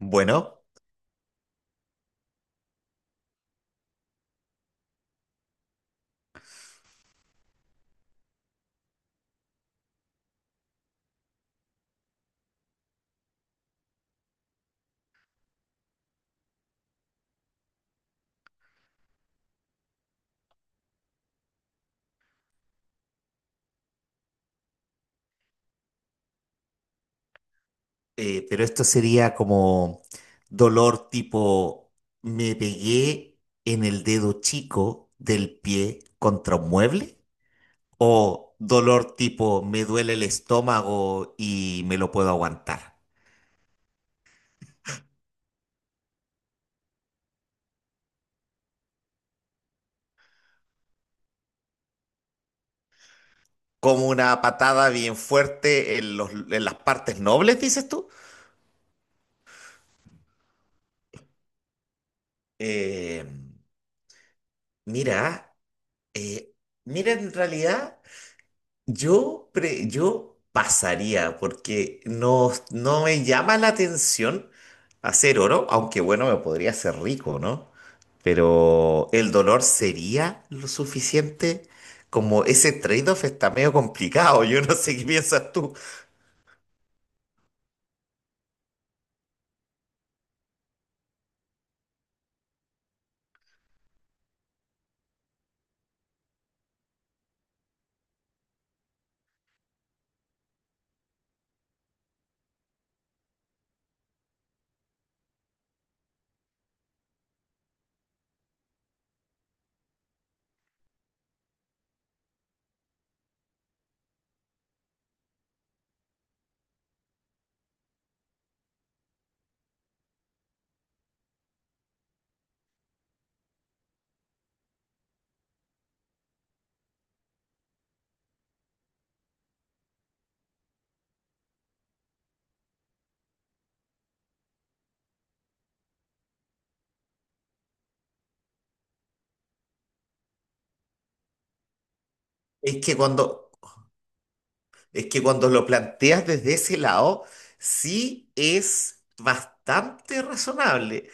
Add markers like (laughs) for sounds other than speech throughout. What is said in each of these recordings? Bueno, pero esto sería como dolor tipo, me pegué en el dedo chico del pie contra un mueble o dolor tipo, me duele el estómago y me lo puedo aguantar. Como una patada bien fuerte en en las partes nobles, dices tú. Eh, mira, eh, mira, en realidad, yo pasaría porque no me llama la atención hacer oro, aunque bueno, me podría hacer rico, ¿no? Pero el dolor sería lo suficiente. Como ese trade-off está medio complicado, yo no sé qué piensas tú. Es que cuando, es que cuando lo planteas desde ese lado, sí es bastante razonable.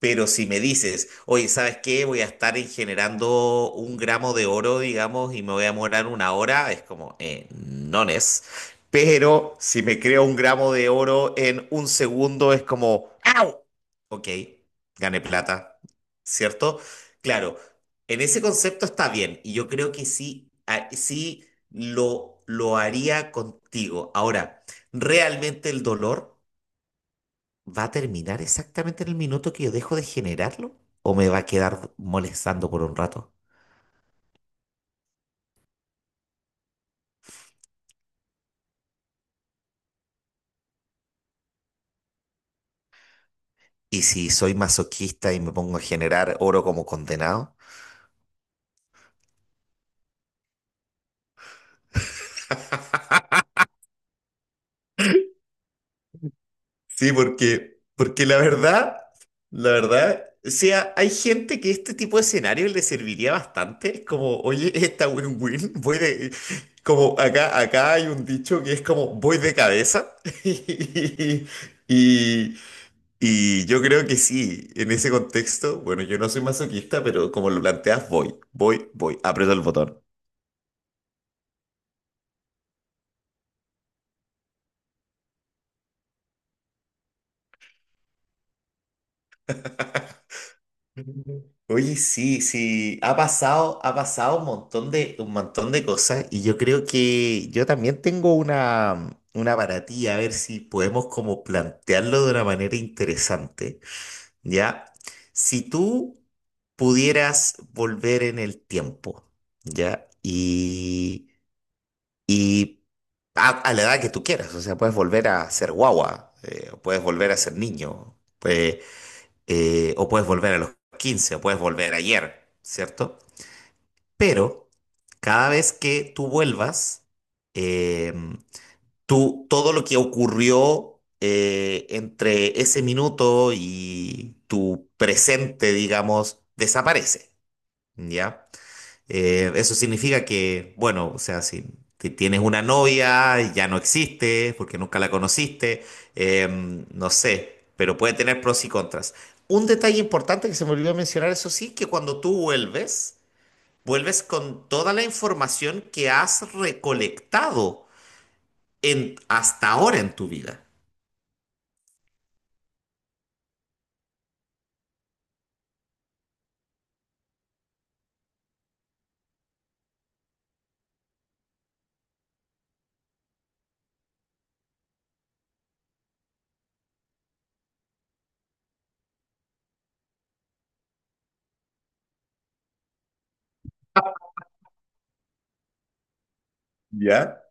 Pero si me dices, oye, ¿sabes qué? Voy a estar en generando un gramo de oro, digamos, y me voy a demorar una hora, es como, no es. Pero si me creo un gramo de oro en un segundo, es como, ¡au! Ok, gané plata, ¿cierto? Claro, en ese concepto está bien, y yo creo que sí, sí lo haría contigo. Ahora, realmente el dolor. ¿Va a terminar exactamente en el minuto que yo dejo de generarlo? ¿O me va a quedar molestando por un rato? ¿Y si soy masoquista y me pongo a generar oro como condenado? Sí, porque la verdad, o sea, hay gente que este tipo de escenario le serviría bastante. Es como, oye, esta win-win, voy de. Como acá hay un dicho que es como voy de cabeza. (laughs) Y, Y yo creo que sí, en ese contexto, bueno, yo no soy masoquista, pero como lo planteas, voy, voy, voy, aprieto el botón. Oye, sí, sí, ha pasado un montón de cosas y yo creo que yo también tengo una para ti, a ver si podemos como plantearlo de una manera interesante, ¿ya? Si tú pudieras volver en el tiempo, ¿ya? y a la edad que tú quieras. O sea, puedes volver a ser guagua, o puedes volver a ser niño, o puedes volver a los 15 o puedes volver ayer, ¿cierto? Pero cada vez que tú vuelvas, eh, todo lo que ocurrió entre ese minuto y tu presente, digamos, desaparece, ¿ya? Eso significa que, bueno, o sea, si tienes una novia, ya no existe porque nunca la conociste, no sé, pero puede tener pros y contras. Un detalle importante que se me olvidó mencionar, eso sí, que cuando tú vuelves, vuelves con toda la información que has recolectado hasta ahora en tu vida. Ya.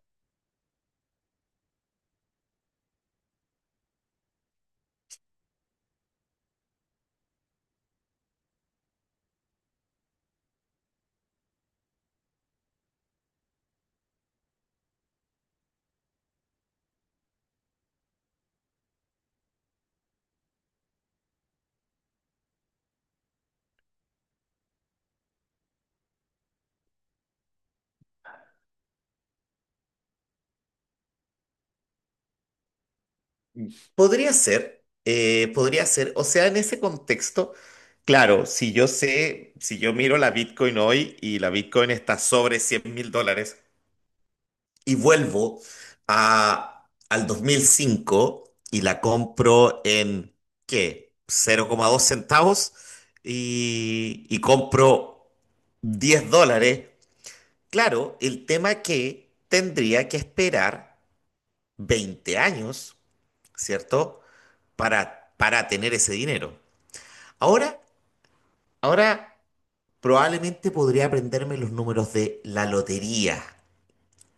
Podría ser, o sea, en ese contexto, claro, si yo miro la Bitcoin hoy y la Bitcoin está sobre 100.000 dólares y vuelvo al 2005 y la compro en, ¿qué? 0,2 centavos y compro 10 dólares, claro, el tema que tendría que esperar 20 años, ¿cierto? Para tener ese dinero. Ahora, ahora probablemente podría aprenderme los números de la lotería,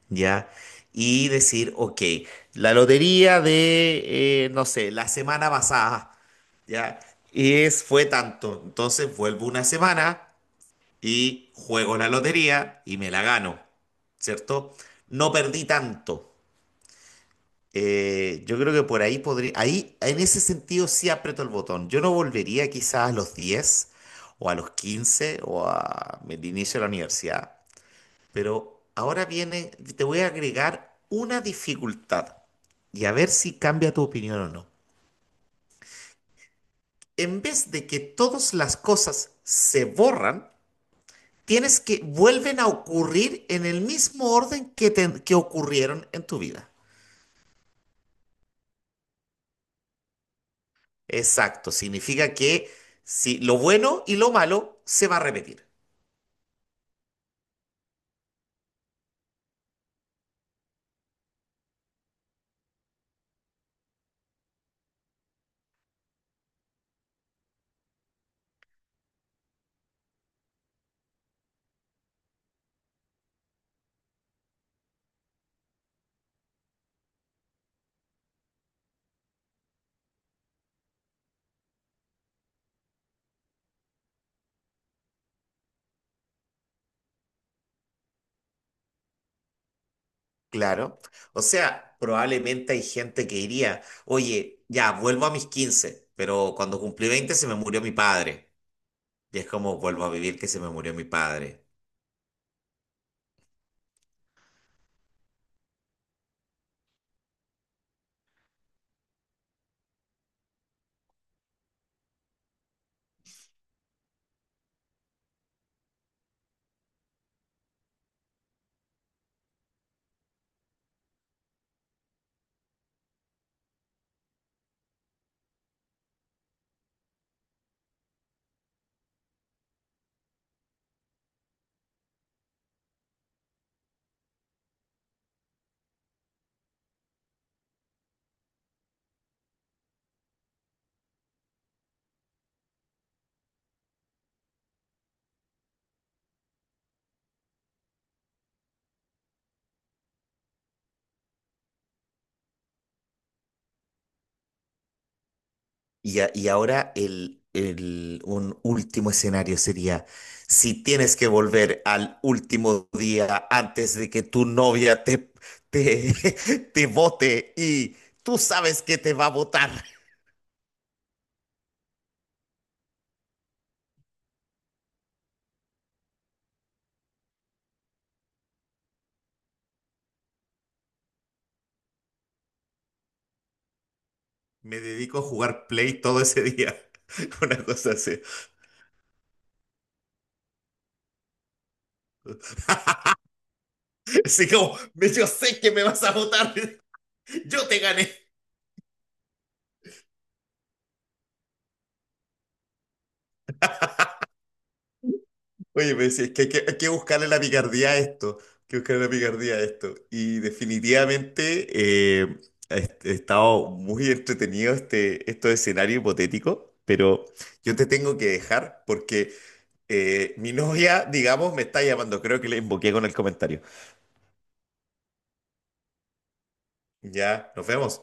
¿ya? Y decir, ok, la lotería no sé, la semana pasada, ¿ya? Fue tanto. Entonces vuelvo una semana y juego la lotería y me la gano, ¿cierto? No perdí tanto. Yo creo que por ahí podría, ahí en ese sentido sí aprieto el botón. Yo no volvería quizás a los 10 o a los 15 o a el inicio de la universidad, pero ahora viene, te voy a agregar una dificultad y a ver si cambia tu opinión o no. En vez de que todas las cosas se borran, tienes que vuelven a ocurrir en el mismo orden que ocurrieron en tu vida. Exacto, significa que si lo bueno y lo malo se va a repetir, claro. O sea, probablemente hay gente que diría, oye, ya, vuelvo a mis 15, pero cuando cumplí 20 se me murió mi padre. Y es como, vuelvo a vivir que se me murió mi padre. Y ahora el un último escenario sería, si tienes que volver al último día antes de que tu novia te, (laughs) te vote y tú sabes que te va a votar. Me dedico a jugar Play todo ese día. (laughs) Una cosa así. (laughs) Así como, yo sé que me vas a votar. (laughs) Yo te gané. Oye, me decía, es que, hay que buscarle la picardía a esto. Hay que buscarle la picardía a esto. Y definitivamente he estado muy entretenido estos escenarios hipotéticos. Pero yo te tengo que dejar porque mi novia, digamos, me está llamando. Creo que le invoqué con el comentario. Ya, nos vemos.